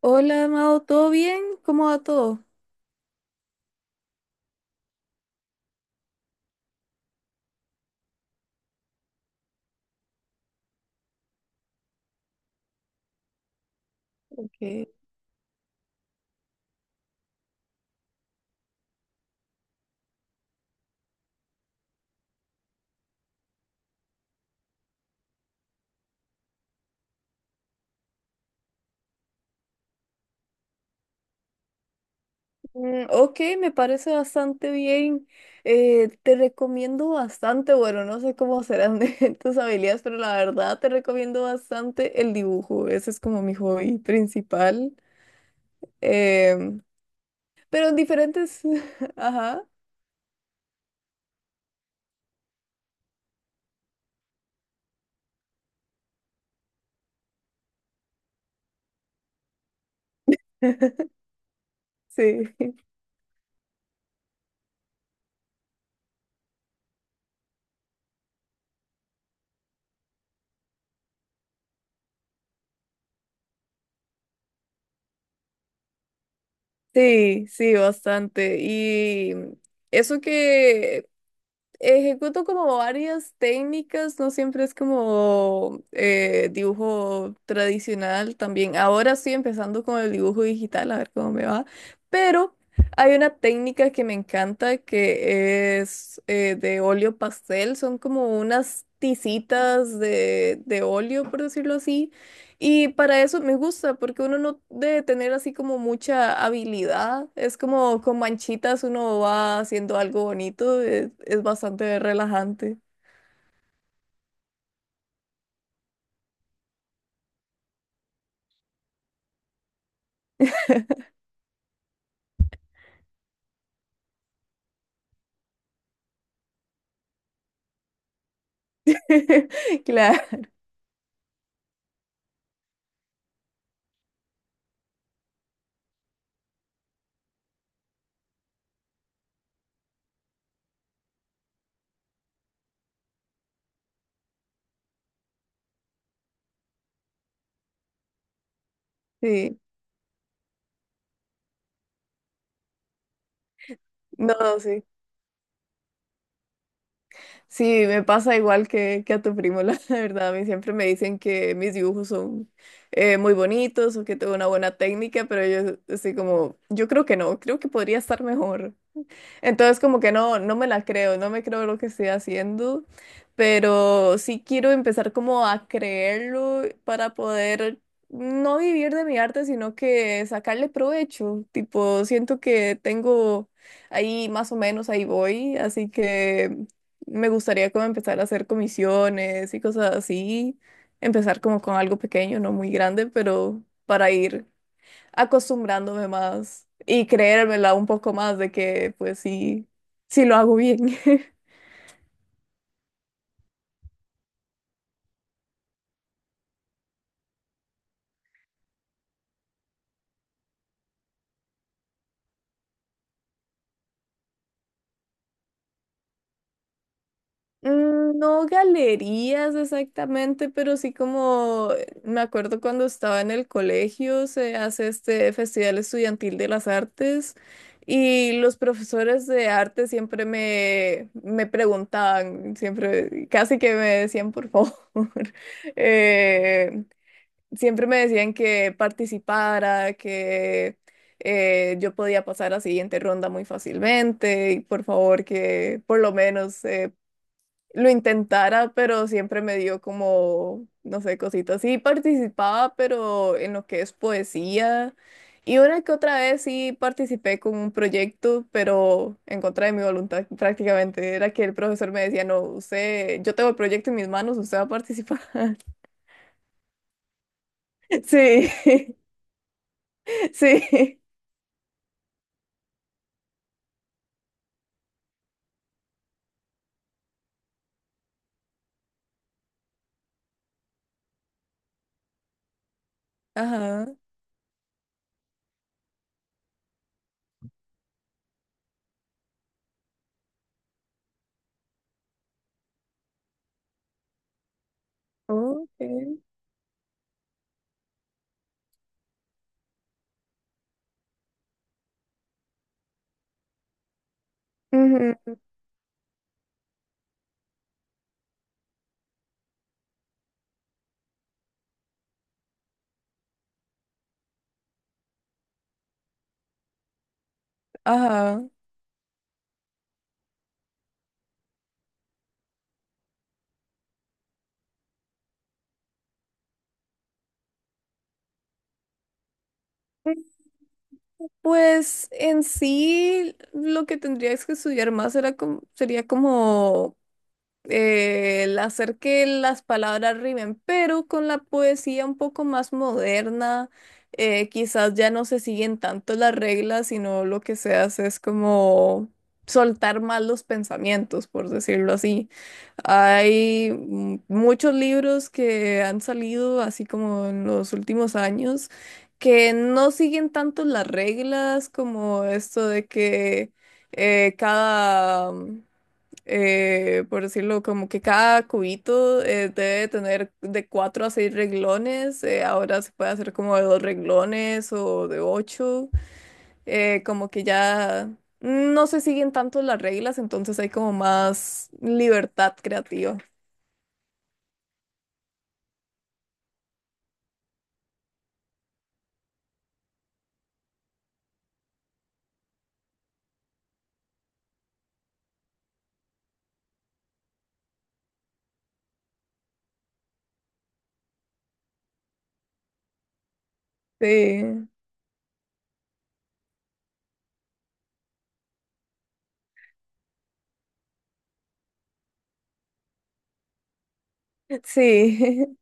Hola, Amado, ¿todo bien? ¿Cómo va todo? Okay. Ok, me parece bastante bien. Te recomiendo bastante, bueno, no sé cómo serán de tus habilidades, pero la verdad te recomiendo bastante el dibujo. Ese es como mi hobby principal. Em, pero en diferentes... Ajá. Sí, sí, bastante. Y eso que ejecuto como varias técnicas, no siempre es como dibujo tradicional también. Ahora estoy empezando con el dibujo digital, a ver cómo me va. Pero hay una técnica que me encanta que es de óleo pastel, son como unas tizitas de óleo, por decirlo así, y para eso me gusta, porque uno no debe tener así como mucha habilidad. Es como con manchitas uno va haciendo algo bonito. Es bastante relajante. Claro, sí. No, sí. Sí, me pasa igual que a tu primo, la verdad. A mí siempre me dicen que mis dibujos son muy bonitos o que tengo una buena técnica, pero yo estoy como, yo creo que no, creo que podría estar mejor. Entonces como que no, no me la creo, no me creo lo que estoy haciendo, pero sí quiero empezar como a creerlo para poder no vivir de mi arte, sino que sacarle provecho. Tipo, siento que tengo ahí más o menos, ahí voy, así que me gustaría como empezar a hacer comisiones y cosas así, empezar como con algo pequeño, no muy grande, pero para ir acostumbrándome más y creérmela un poco más de que pues sí, sí lo hago bien. No galerías exactamente, pero sí como me acuerdo cuando estaba en el colegio, se hace este Festival Estudiantil de las Artes y los profesores de arte siempre me, me preguntaban, siempre casi que me decían por favor, eh, siempre me decían que participara, que yo podía pasar a siguiente ronda muy fácilmente y por favor que por lo menos lo intentara, pero siempre me dio como, no sé, cositas. Sí participaba, pero en lo que es poesía. Y una que otra vez sí participé con un proyecto, pero en contra de mi voluntad prácticamente. Era que el profesor me decía, no, usted, yo tengo el proyecto en mis manos, usted va a participar. Sí, sí. Ajá. Ok. Ujú. Ajá. Pues en sí lo que tendrías que estudiar más era como, sería como el hacer que las palabras rimen, pero con la poesía un poco más moderna, quizás ya no se siguen tanto las reglas, sino lo que se hace es como soltar más los pensamientos, por decirlo así. Hay muchos libros que han salido, así como en los últimos años, que no siguen tanto las reglas como esto de que cada por decirlo, como que cada cubito debe tener de cuatro a seis reglones, ahora se puede hacer como de dos reglones o de ocho, como que ya no se siguen tanto las reglas, entonces hay como más libertad creativa. Sí, sí,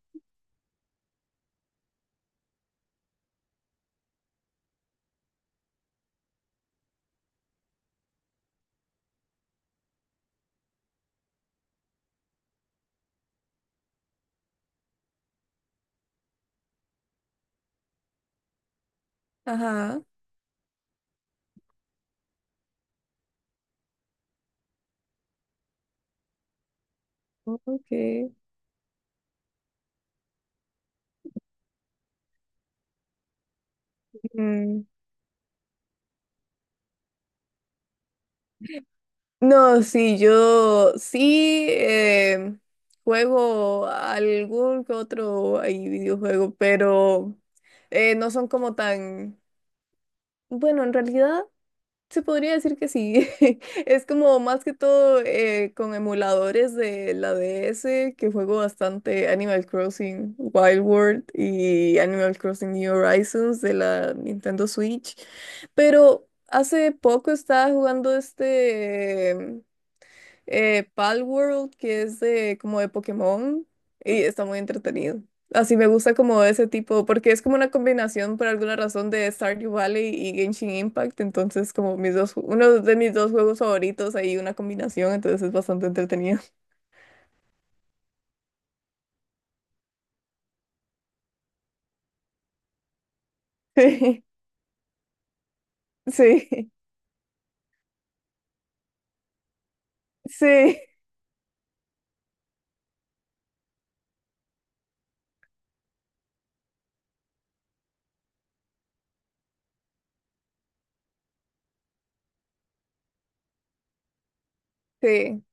ajá, ok. Mm. No, sí, yo sí juego algún que otro ahí videojuego, pero no son como tan... Bueno, en realidad se podría decir que sí. Es como más que todo con emuladores de la DS que juego bastante Animal Crossing Wild World y Animal Crossing New Horizons de la Nintendo Switch, pero hace poco estaba jugando este... Palworld, que es de como de Pokémon, y está muy entretenido. Así me gusta como ese tipo, porque es como una combinación por alguna razón de Stardew Valley y Genshin Impact, entonces como mis dos, uno de mis dos juegos favoritos, hay una combinación, entonces es bastante entretenido. Sí, sí, sí, sí,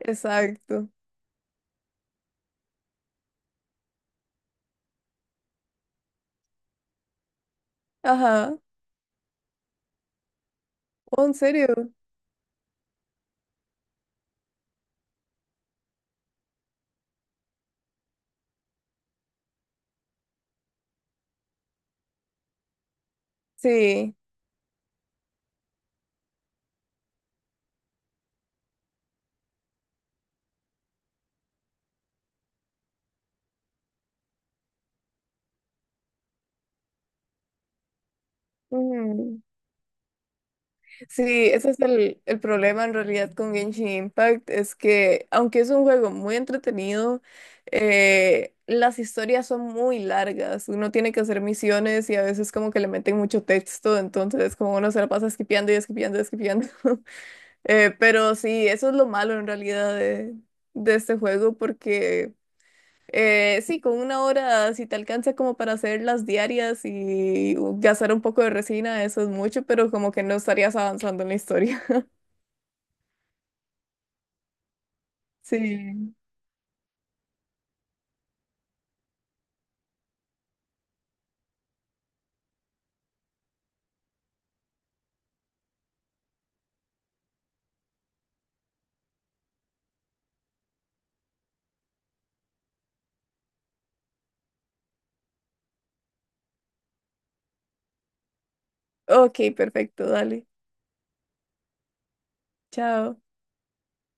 exacto. Ajá. Oh, ¿en serio? Sí. Sí, ese es el problema en realidad con Genshin Impact, es que aunque es un juego muy entretenido, las historias son muy largas, uno tiene que hacer misiones y a veces como que le meten mucho texto, entonces como uno se la pasa esquipeando y esquipeando y esquipeando. Pero sí, eso es lo malo en realidad de este juego porque... sí, con una hora, si te alcanza como para hacer las diarias y gastar un poco de resina, eso es mucho, pero como que no estarías avanzando en la historia. Sí. Ok, perfecto, dale. Chao.